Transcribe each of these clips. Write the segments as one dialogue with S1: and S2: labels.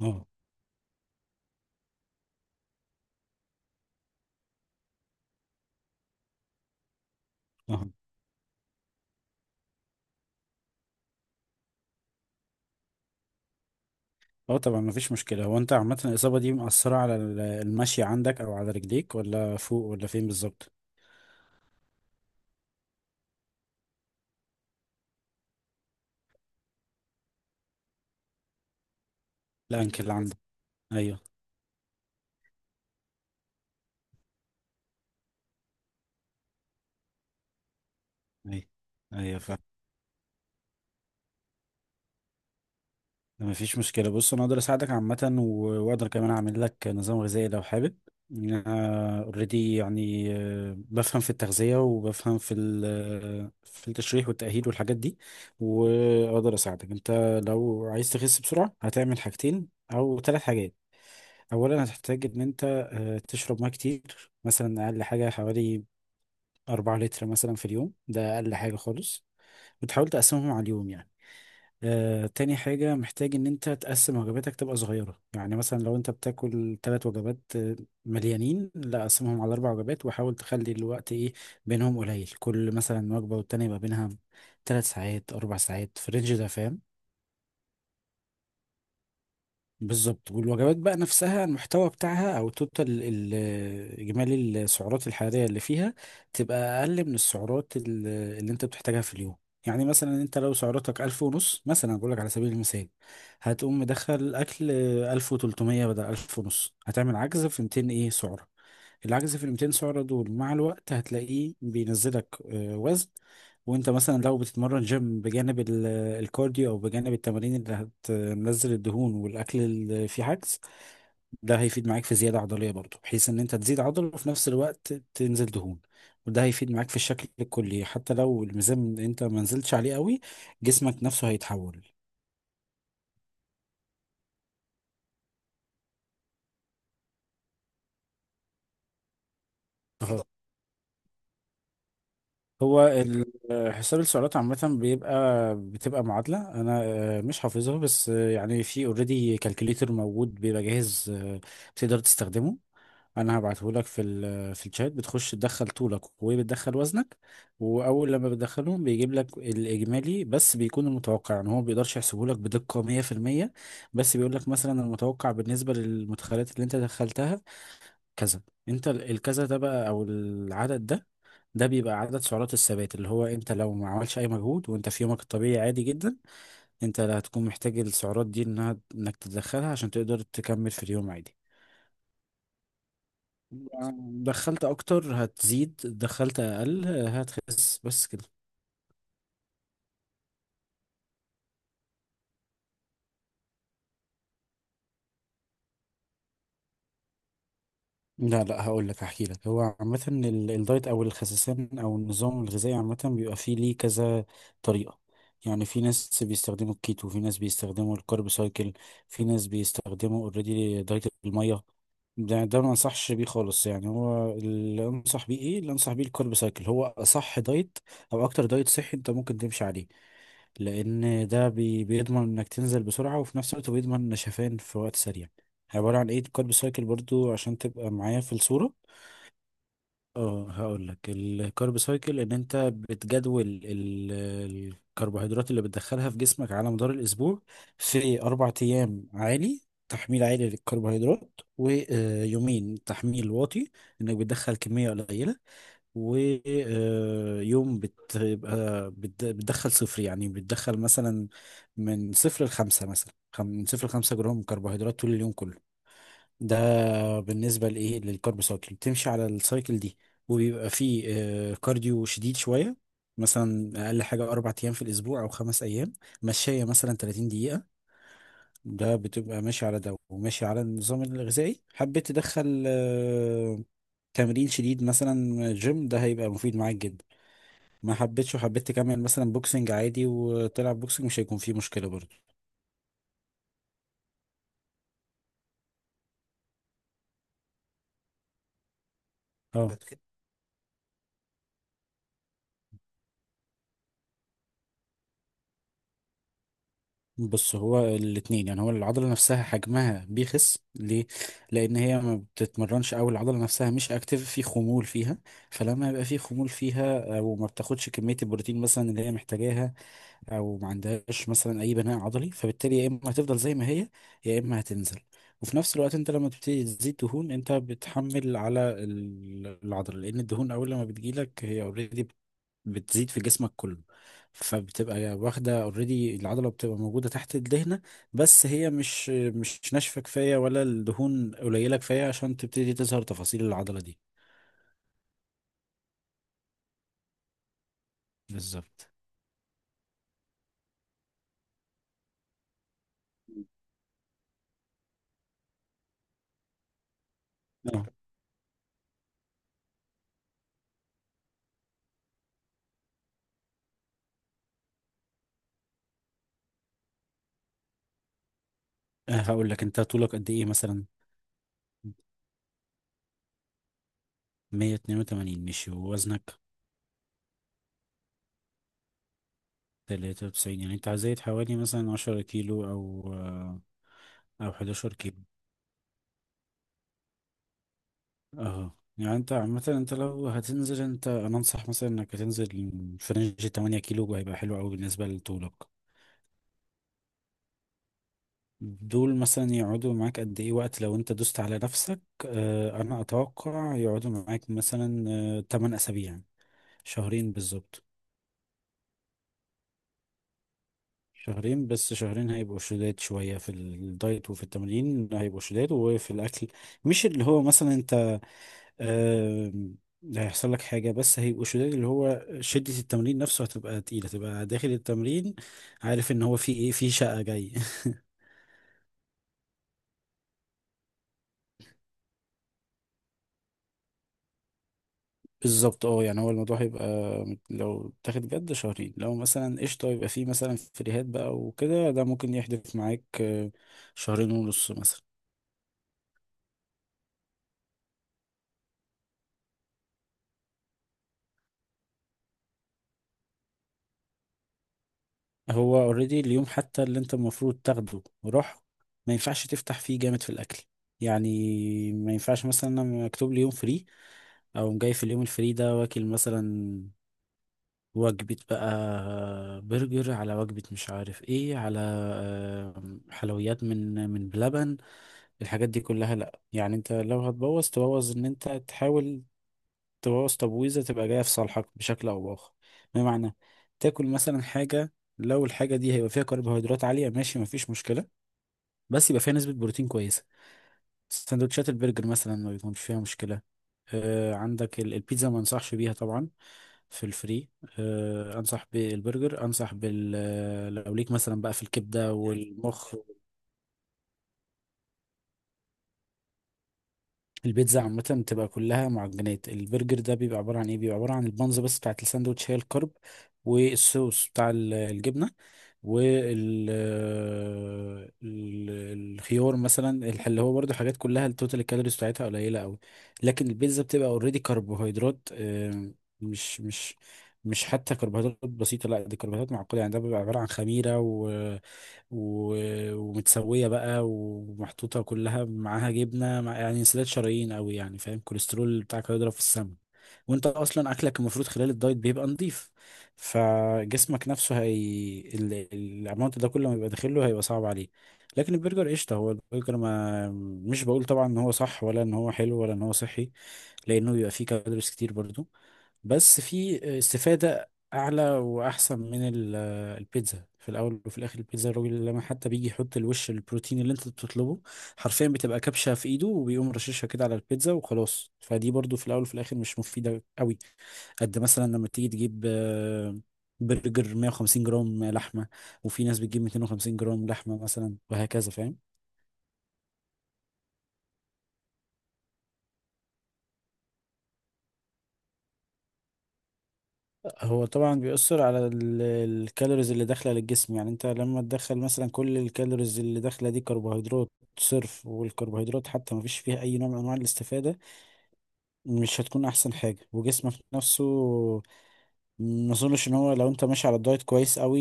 S1: اه اه اه طبعا مفيش مشكلة. هو انت عامة الإصابة دي مأثرة على المشي عندك أو على رجليك ولا فوق ولا فين بالظبط؟ لا رجلي انكل للأسف عندك. أيوه أيوه أيوه فاهم. مفيش مشكلة، بص أنا أقدر أساعدك عامة، وأقدر كمان أعمل لك نظام غذائي لو حابب. أنا أوريدي يعني بفهم في التغذية وبفهم في في التشريح والتأهيل والحاجات دي، وأقدر أساعدك أنت. لو عايز تخس بسرعة هتعمل حاجتين أو ثلاث حاجات. اولا هتحتاج ان انت تشرب ميه كتير، مثلا اقل حاجه حوالي 4 لتر مثلا في اليوم، ده اقل حاجه خالص، وتحاول تقسمهم على اليوم يعني. تاني حاجة محتاج إن أنت تقسم وجباتك تبقى صغيرة، يعني مثلا لو أنت بتاكل تلات وجبات مليانين، لا قسمهم على أربع وجبات، وحاول تخلي الوقت إيه بينهم قليل، كل مثلا وجبة والتانية يبقى بينها تلات ساعات أربع ساعات في الرينج ده، فاهم. بالظبط، والوجبات بقى نفسها المحتوى بتاعها او توتال اجمالي السعرات الحراريه اللي فيها تبقى اقل من السعرات اللي انت بتحتاجها في اليوم. يعني مثلا انت لو سعراتك ألف ونص مثلا، بقول لك على سبيل المثال، هتقوم مدخل اكل ألف وتلتمية بدل ألف ونص، هتعمل عجز في ميتين ايه سعرة. العجز في ال 200 سعرة دول مع الوقت هتلاقيه بينزلك وزن. وانت مثلا لو بتتمرن جيم بجانب الكارديو او بجانب التمارين اللي هتنزل الدهون، والاكل اللي فيه عجز، ده هيفيد معاك في زيادة عضلية برضه، بحيث ان انت تزيد عضل وفي نفس الوقت تنزل دهون. وده هيفيد معاك في الشكل الكلي حتى لو الميزان انت ما نزلتش عليه قوي، جسمك نفسه هيتحول. هو حساب السعرات عامة بتبقى معادلة، أنا مش حافظها، بس يعني في اوريدي كالكوليتر موجود بيبقى جاهز، بتقدر تستخدمه. أنا هبعته لك في ال آه، في الشات، بتخش تدخل طولك وبتدخل وزنك، وأول لما بتدخلهم بيجيب لك الإجمالي، بس بيكون المتوقع، يعني هو ما بيقدرش يحسبه لك بدقة 100%، بس بيقول لك مثلا المتوقع بالنسبة للمدخلات اللي أنت دخلتها كذا. أنت الكذا ده بقى أو العدد ده، ده بيبقى عدد سعرات الثبات، اللي هو انت لو ما عملش اي مجهود وانت في يومك الطبيعي عادي جدا، انت اللي هتكون محتاج السعرات دي انها انك تدخلها عشان تقدر تكمل في اليوم عادي. دخلت اكتر هتزيد، دخلت اقل هتخس، بس كده. لا هقول لك، هحكي لك. هو عامة الدايت أو الخسسان أو النظام الغذائي عامة بيبقى فيه ليه كذا طريقة. يعني في ناس بيستخدموا الكيتو، في ناس بيستخدموا الكارب سايكل، في ناس بيستخدموا اوريدي دايت المية. ده ما انصحش بيه خالص. يعني هو اللي انصح بيه ايه، اللي انصح بيه الكارب سايكل، هو اصح دايت او اكتر دايت صحي انت ممكن تمشي عليه، لان ده بيضمن انك تنزل بسرعه، وفي نفس الوقت بيضمن نشفان في وقت سريع. عباره عن ايه الكارب سايكل برضو عشان تبقى معايا في الصوره. اه هقول لك، الكارب سايكل ان انت بتجدول الكربوهيدرات اللي بتدخلها في جسمك على مدار الاسبوع. في اربع ايام عالي، تحميل عالي للكربوهيدرات، ويومين تحميل واطي، انك بتدخل كميه قليله، ويوم بتبقى بتدخل صفر، يعني بتدخل مثلا من صفر لخمسة، مثلا من صفر لخمسة جرام كربوهيدرات طول اليوم كله. ده بالنسبة لإيه، للكارب سايكل، بتمشي على السايكل دي. وبيبقى فيه كارديو شديد شوية، مثلا أقل حاجة أربع أيام في الأسبوع أو خمس أيام، مشاية مثلا 30 دقيقة. ده بتبقى ماشي على ده وماشي على النظام الغذائي. حبيت تدخل تمرين شديد مثلا جيم، ده هيبقى مفيد معاك جدا. ما حبيتش وحبيت تكمل مثلا بوكسنج عادي وتلعب بوكسنج، مش هيكون فيه مشكلة برضه. اه بص، هو الاتنين. يعني هو العضلة نفسها حجمها بيخس ليه؟ لأن هي ما بتتمرنش، أو العضلة نفسها مش أكتف، في خمول فيها. فلما يبقى في خمول فيها أو ما بتاخدش كمية البروتين مثلا اللي هي محتاجاها، أو ما عندهاش مثلا أي بناء عضلي، فبالتالي يا إما هتفضل زي ما هي يا إما هتنزل. وفي نفس الوقت انت لما تبتدي تزيد دهون، انت بتحمل على العضله، لان الدهون اول لما بتجيلك هي اوريدي بتزيد في جسمك كله، فبتبقى واخدة اوريدي، العضلة بتبقى موجودة تحت الدهنة، بس هي مش ناشفة كفاية ولا الدهون قليلة كفاية عشان تبتدي تظهر تفاصيل العضلة دي. بالظبط. اه هقول لك، انت طولك قد ايه مثلا؟ 182 ماشي، ووزنك؟ 93. يعني انت زايد حوالي مثلا 10 كيلو او او 11. اه، يعني انت عامة انت لو هتنزل، انت انا انصح مثلا انك هتنزل في رينج 8 كيلو، هيبقى حلو قوي بالنسبة لطولك. دول مثلا يقعدوا معاك قد ايه وقت لو انت دوست على نفسك؟ اه انا اتوقع يقعدوا معاك مثلا اه 8 اسابيع، شهرين بالظبط. شهرين بس، شهرين هيبقوا شداد شوية في الدايت وفي التمرين، هيبقوا شداد وفي الاكل، مش اللي هو مثلا انت آم، لا هيحصل لك حاجة، بس هيبقوا شداد، اللي هو شدة التمرين نفسه هتبقى تقيلة، تبقى داخل التمرين عارف ان هو في ايه، في شقة جاي. بالظبط، اه يعني هو الموضوع هيبقى لو تاخد جد شهرين، لو مثلا قشطة يبقى فيه مثلا فريهات بقى وكده، ده ممكن يحدث معاك شهرين ونص مثلا. هو اوريدي اليوم حتى اللي انت المفروض تاخده وراح، ما ينفعش تفتح فيه جامد في الاكل. يعني ما ينفعش مثلا انا مكتوب لي يوم فري، اقوم جاي في اليوم الفري ده واكل مثلا وجبة بقى برجر على وجبة مش عارف ايه على حلويات من بلبن، الحاجات دي كلها لا. يعني انت لو هتبوظ، تبوظ ان انت تحاول تبوظ تبويزة تبقى جاية في صالحك بشكل او باخر. بمعنى تاكل مثلا حاجة، لو الحاجة دي هيبقى فيها كربوهيدرات عالية ماشي مفيش مشكلة، بس يبقى فيها نسبة بروتين كويسة. سندوتشات البرجر مثلا ما بيكونش فيها مشكلة. آه عندك البيتزا ما انصحش بيها طبعا في الفري. آه انصح بالبرجر، انصح بال لو ليك مثلا بقى في الكبدة والمخ. البيتزا عامة بتبقى كلها معجنات، البرجر ده بيبقى عبارة عن ايه، بيبقى عبارة عن البانز بس بتاعت الساندوتش، هي الكرب والصوص بتاع الجبنة وال ال- الخيار مثلا، اللي هو برضو حاجات كلها التوتال الكالوريز بتاعتها قليلة قوي. لكن البيتزا بتبقى اوريدي كربوهيدرات، مش مش حتى كربوهيدرات بسيطة، لا دي كربوهيدرات معقدة. يعني ده بيبقى عبارة عن خميرة ومتسوية بقى ومحطوطة كلها معاها جبنة، مع يعني انسداد شرايين قوي يعني فاهم، الكوليسترول بتاعك هيضرب في السما. وانت اصلا اكلك المفروض خلال الدايت بيبقى نظيف، فجسمك نفسه، الاماونت ده كله ما يبقى داخله هيبقى صعب عليه. لكن البرجر قشطة. هو البرجر ما مش بقول طبعا ان هو صح ولا ان هو حلو ولا ان هو صحي، لانه بيبقى فيه كالوريز كتير برضو، بس في استفادة أعلى وأحسن من البيتزا. في الأول وفي الآخر البيتزا الراجل لما حتى بيجي يحط الوش البروتين اللي أنت بتطلبه، حرفيا بتبقى كبشة في إيده وبيقوم رشاشها كده على البيتزا وخلاص، فدي برضو في الأول وفي الآخر مش مفيدة قوي، قد مثلا لما تيجي تجيب برجر 150 جرام لحمة، وفي ناس بتجيب 250 جرام لحمة مثلا، وهكذا فاهم. هو طبعا بيأثر على الكالوريز اللي داخلة للجسم. يعني انت لما تدخل مثلا كل الكالوريز اللي داخلة دي كربوهيدرات صرف، والكربوهيدرات حتى ما فيش فيها اي نوع من انواع الاستفادة، مش هتكون احسن حاجة. وجسمك نفسه ما اظنش ان هو لو انت ماشي على الدايت كويس قوي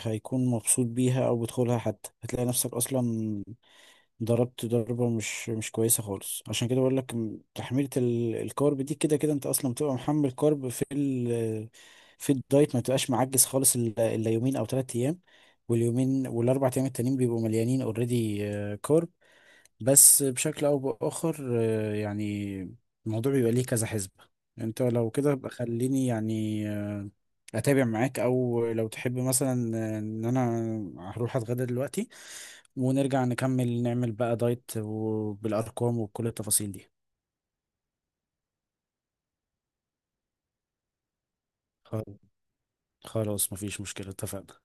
S1: هيكون مبسوط بيها، او بتدخلها حتى هتلاقي نفسك اصلا ضربت ضربة مش كويسة خالص. عشان كده بقول لك تحميلة الكارب دي، كده كده انت اصلا بتبقى محمل كارب في في الدايت، ما تبقاش معجز خالص الا إلا يومين او ثلاث ايام، واليومين والاربع ايام التانيين بيبقوا مليانين اوريدي كارب. بس بشكل او باخر يعني الموضوع بيبقى ليه كذا حسبة. انت لو كده بقى خليني يعني اتابع معاك، او لو تحب مثلا ان انا هروح اتغدى دلوقتي ونرجع نكمل نعمل بقى دايت وبالارقام وكل التفاصيل دي. خل- خلاص مفيش مشكلة، اتفقنا.